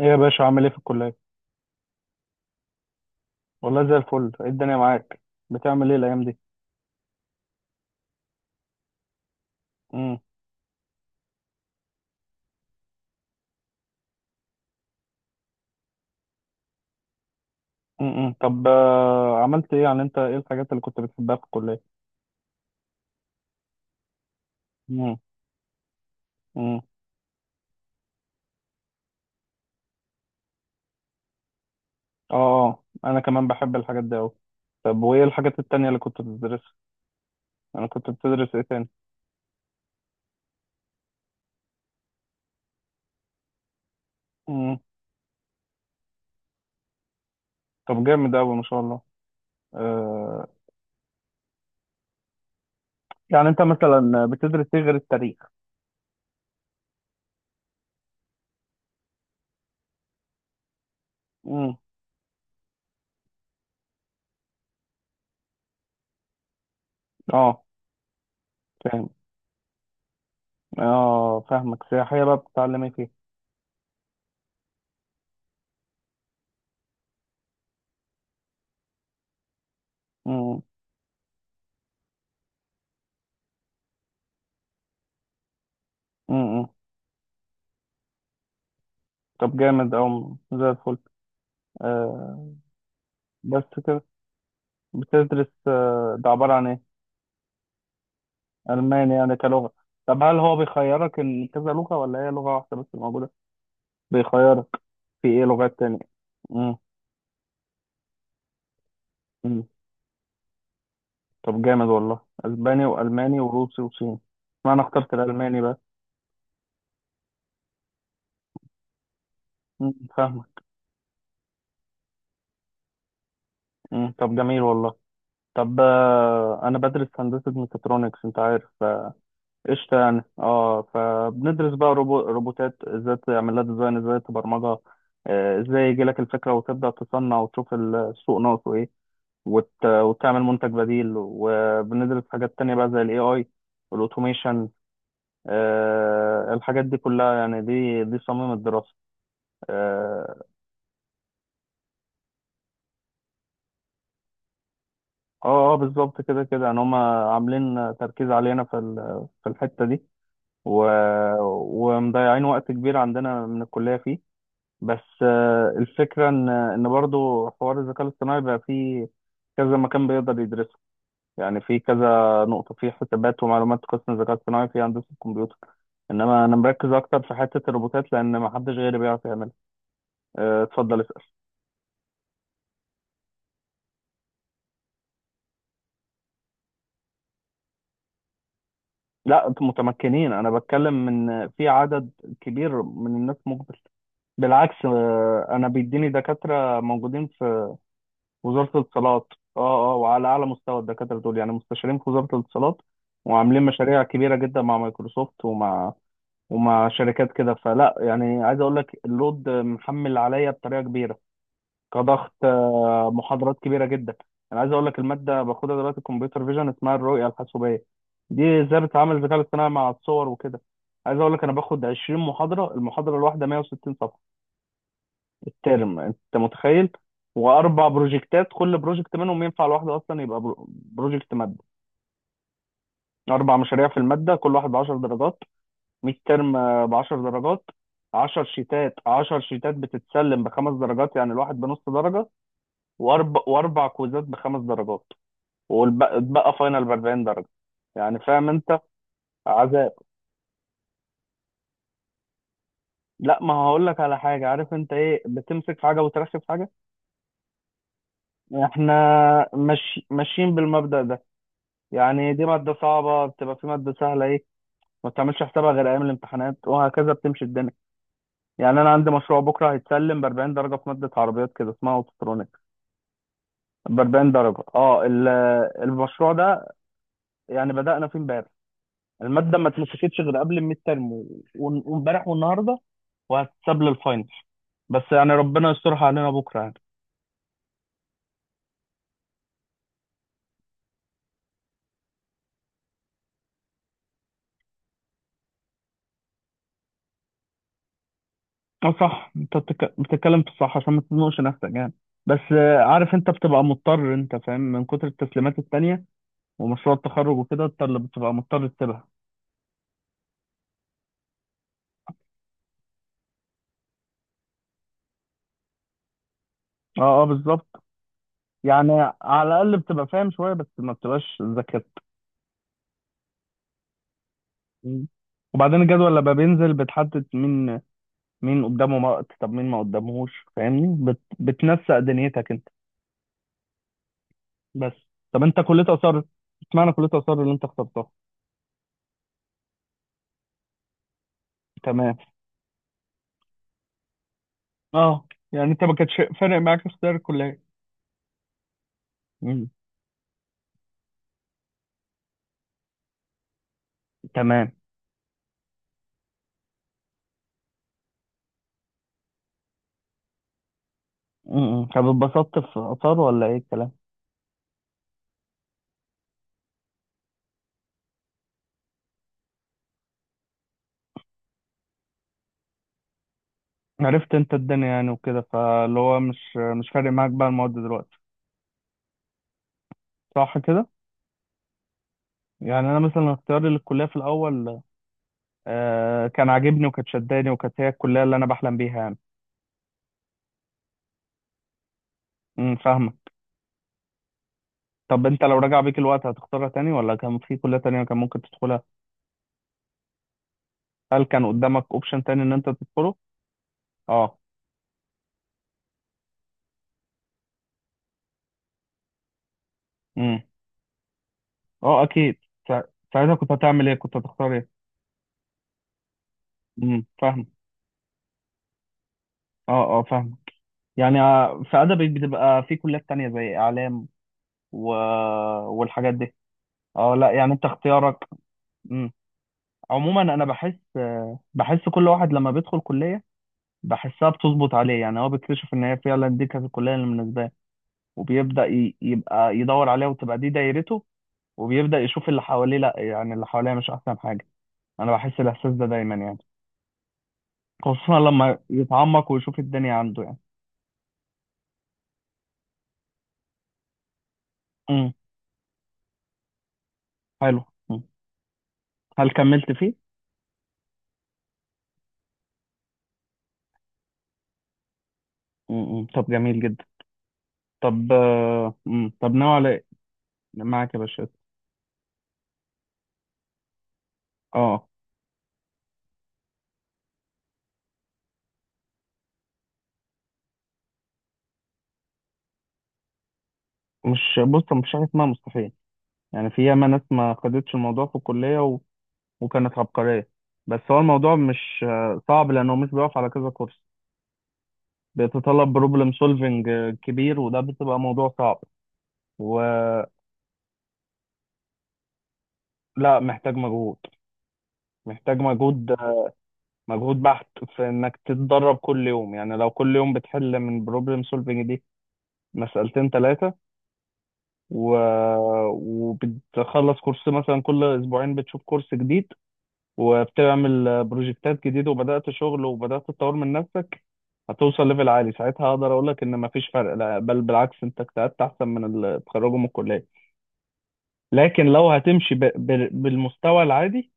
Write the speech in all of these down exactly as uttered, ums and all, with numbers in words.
ايه يا باشا عامل ايه في الكلية؟ والله زي الفل، ايه الدنيا معاك؟ بتعمل ايه الأيام دي؟ امم امم طب آه، عملت ايه يعني، انت ايه الحاجات اللي كنت بتحبها في الكلية؟ امم امم اه اه انا كمان بحب الحاجات دي اوي. طب وايه الحاجات التانية اللي كنت بتدرسها؟ انا كنت بتدرس ايه تاني؟ امم طب جامد اوي ما شاء الله. آه يعني انت مثلا بتدرس ايه غير التاريخ؟ امم اه فاهم. اه فاهمك، سياحية بقى بتتعلم ايه فيها؟ امم امم طب جامد اوي زي الفل. آه، بس كده بتدرس آه، ده عبارة عن ايه؟ ألماني يعني كلغة. طب هل هو بيخيرك إن كذا لغة ولا هي لغة واحدة بس اللي موجودة؟ بيخيرك. في ايه لغات تانية؟ مم. مم. طب جامد والله، أسباني وألماني وروسي وصيني. ما أنا اخترت الألماني بقى. مم. فاهمك. مم. طب جميل والله. طب آه، أنا بدرس هندسة ميكاترونكس، أنت عارف. قشطة يعني. اه، فبندرس بقى روبو روبوتات، ازاي تعمل لها ديزاين، ازاي تبرمجها. آه، ازاي يجي لك الفكرة وتبدأ تصنع وتشوف السوق ناقصه ايه، وت... وتعمل منتج بديل. وبندرس حاجات تانية بقى زي الاي اي والاوتوميشن. آه، الحاجات دي كلها يعني دي دي صميم الدراسة. اه اه، آه، بالظبط كده كده، يعني هما عاملين تركيز علينا في ال... في الحتة دي، و... ومضيعين وقت كبير عندنا من الكلية فيه. بس آه، الفكرة إن إن برضه حوار الذكاء الاصطناعي بقى فيه كذا مكان بيقدر يدرسه. يعني في كذا نقطة في حسابات ومعلومات، قسم الذكاء الاصطناعي في هندسة الكمبيوتر. إنما أنا مركز أكتر في حتة الروبوتات لأن محدش غيري بيعرف يعملها. آه، اتفضل اسأل. لا، أنتوا متمكنين، أنا بتكلم من في عدد كبير من الناس مقبل. بالعكس، آه، أنا بيديني دكاترة موجودين في وزارة الاتصالات، اه اه، وعلى اعلى مستوى. الدكاترة دول يعني مستشارين في وزارة الاتصالات وعاملين مشاريع كبيرة جدا مع مايكروسوفت ومع ومع شركات كده. فلا يعني، عايز اقول لك اللود محمل عليا بطريقة كبيرة كضغط، آه، محاضرات كبيرة جدا. انا عايز اقول لك المادة باخدها دلوقتي كمبيوتر فيجن، اسمها الرؤية الحاسوبية، دي ازاي بتتعامل الذكاء الاصطناعي مع الصور وكده. عايز اقول لك انا باخد عشرين محاضرة، المحاضرة الواحدة مية وستين صفحة ترم، انت متخيل؟ واربع بروجكتات، كل بروجكت منهم ينفع لوحده اصلا، يبقى برو- بروجكت ماده. اربع مشاريع في الماده، كل واحد ب عشرة درجات، مية ترم، ب عشر درجات. عشر شيتات، عشر شيتات بتتسلم بخمس درجات يعني الواحد بنص درجه. واربع واربع كويزات بخمس درجات. واتبقى فاينل ب اربعين درجه. يعني فاهم انت، عذاب. لا ما هقول لك على حاجه، عارف انت ايه، بتمسك في حاجه وترخي في حاجه. احنا ماشي، ماشيين بالمبدأ ده. يعني دي مادة صعبة، بتبقى في مادة سهلة ايه ما بتعملش حسابها غير أيام الامتحانات، وهكذا بتمشي الدنيا. يعني أنا عندي مشروع بكرة هيتسلم ب اربعين درجة في مادة عربيات كده اسمها أوتوترونيك، ب اربعين درجة. اه ال- المشروع ده يعني بدأنا فيه امبارح، المادة ما اتمسكتش غير قبل الميد ترم و- و- وامبارح والنهاردة، وهتتساب للفاينل. بس يعني ربنا يسترها علينا بكرة يعني. اه صح، انت بتك- بتتكلم في الصح عشان ما تزنقش نفسك يعني. بس آه، عارف انت بتبقى مضطر، انت فاهم، من كتر التسليمات التانية ومشروع التخرج وكده انت اللي بتبقى مضطر تسيبها. اه اه بالظبط. يعني على الاقل بتبقى فاهم شويه بس ما بتبقاش ذاكرت. مم. وبعدين الجدول لما بينزل بتحدد مين مين قدامه وقت، طب مين ما قدامهوش، فاهمني؟ بت... بتنسق دنيتك انت بس. طب انت كليه اثار، اشمعنى كليه اثار اللي انت اخترتها؟ تمام. اه يعني انت ما كانش فارق معاك اختيار الكليه. مم. تمام. مم. طب اتبسطت في اثار ولا ايه الكلام؟ عرفت انت الدنيا يعني وكده، فاللي هو مش مش فارق معاك بقى المواد دلوقتي صح كده. يعني انا مثلا اختياري للكليه في الاول آه كان عاجبني، وكانت شداني، وكانت هي الكليه اللي انا بحلم بيها يعني. امم فاهمه. طب انت لو رجع بيك الوقت هتختارها تاني، ولا كان في كليه تانية كان ممكن تدخلها؟ هل كان قدامك اوبشن تاني ان انت تدخله؟ اه. امم اه اكيد. سا- ساعتها كنت هتعمل ايه؟ كنت هتختار ايه؟ امم فاهم. اه اه فاهم. يعني آه، في ادبي بتبقى في كليات تانية زي اعلام و... والحاجات دي. اه لا، يعني انت اختيارك. مم. عموما انا بحس، آه، بحس كل واحد لما بيدخل كليه بحسها بتظبط عليه، يعني هو بيكتشف ان هي فعلا دي كانت الكليه اللي مناسباه له. وبيبدا ي- يبقى يدور عليها، وتبقى دي دايرته. وبيبدا يشوف اللي حواليه، لا يعني اللي حواليه مش احسن حاجه. انا بحس الاحساس ده دايما يعني، خصوصا لما يتعمق ويشوف الدنيا عنده يعني. امم حلو. مم. هل كملت فيه؟ امم طب جميل جدا. طب آه، مم. طب ناوي على ايه؟ معاك يا باشا. اه مش، بص، مش حاجه اسمها مستحيل. يعني في ياما ناس ما خدتش الموضوع في الكلية و... وكانت عبقرية. بس هو الموضوع مش آه، صعب لأنه مش بيقف على كذا كورس، بيتطلب بروبلم سولفنج كبير، وده بتبقى موضوع صعب. ولا، محتاج مجهود، محتاج مجهود، آه، مجهود بحت، في إنك تتدرب كل يوم. يعني لو كل يوم بتحل من بروبلم سولفنج دي مسألتين ثلاثة، و... وبتخلص كورس مثلا كل أسبوعين، بتشوف كورس جديد وبتعمل بروجكتات جديدة، وبدأت شغل وبدأت تطور من نفسك، هتوصل ليفل عالي. ساعتها هقدر اقول لك ان مفيش فرق، لا بل بالعكس انت اجتهدت احسن من اللي اتخرجوا من الكليه. لكن لو هتمشي ب... ب... بالمستوى العادي،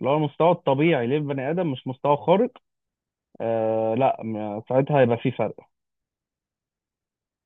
اللي هو المستوى الطبيعي للبني ادم مش مستوى خارق، آه لا م- ساعتها هيبقى في فرق.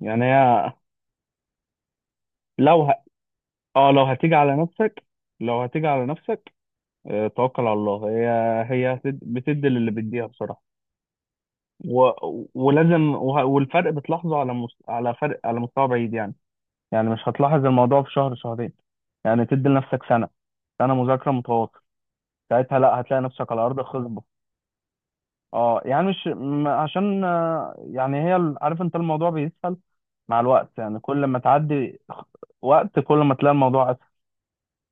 يعني هي لو ه... اه لو هتيجي على نفسك، لو هتيجي على نفسك، آه توكل على الله. هي هي هتد... بتدي للي بيديها بصراحه. و... ولازم، وه- والفرق بتلاحظه على مس... على فرق على مستوى بعيد يعني. يعني مش هتلاحظ الموضوع في شهر شهرين. يعني تدي لنفسك سنة، سنة مذاكرة متواصل، ساعتها لا هتلاقي نفسك على أرض خصبة. اه، يعني مش م... عشان آه، يعني هي ال- عارف انت، الموضوع بيسهل مع الوقت. يعني كل ما تعدي خ- وقت، كل ما تلاقي الموضوع أسهل،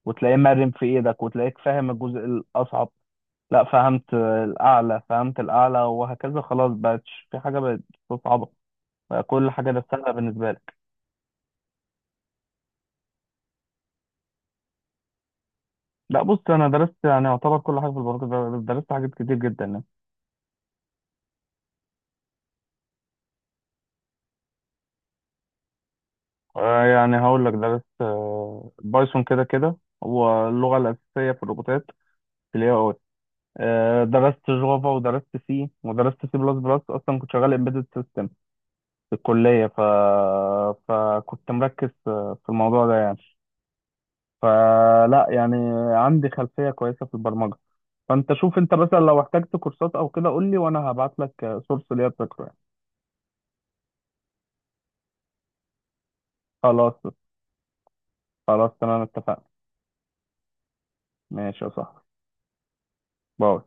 وتلاقيه مرن في ايدك، وتلاقيك فاهم الجزء الأصعب. لا، فهمت آه، الأعلى، فهمت الأعلى وهكذا. خلاص، بقتش في حاجة بقت صعبة، بقى كل حاجة درستها بالنسبة لك. لا بص، أنا درست يعني يعتبر كل حاجة في البرمجة، درست حاجات كتير جدا يعني. آه، يعني هقول لك درست آه، بايثون كده كده، هو اللغة الأساسية في الروبوتات في الاي اي. آه، درست جافا ودرست سي ودرست سي بلس بلس، أصلا كنت شغال امبيدد سيستم في الكلية، ف... فكنت مركز في في الموضوع ده يعني. فلا يعني، عندي خلفية كويسة في البرمجة. فأنت شوف، أنت مثلا لو احتجت كورسات أو كده قول لي، وأنا هبعت لك سورس ليا تذاكره يعني. خلاص. خلاص تمام اتفقنا. ماشي يا صاحبي. باي.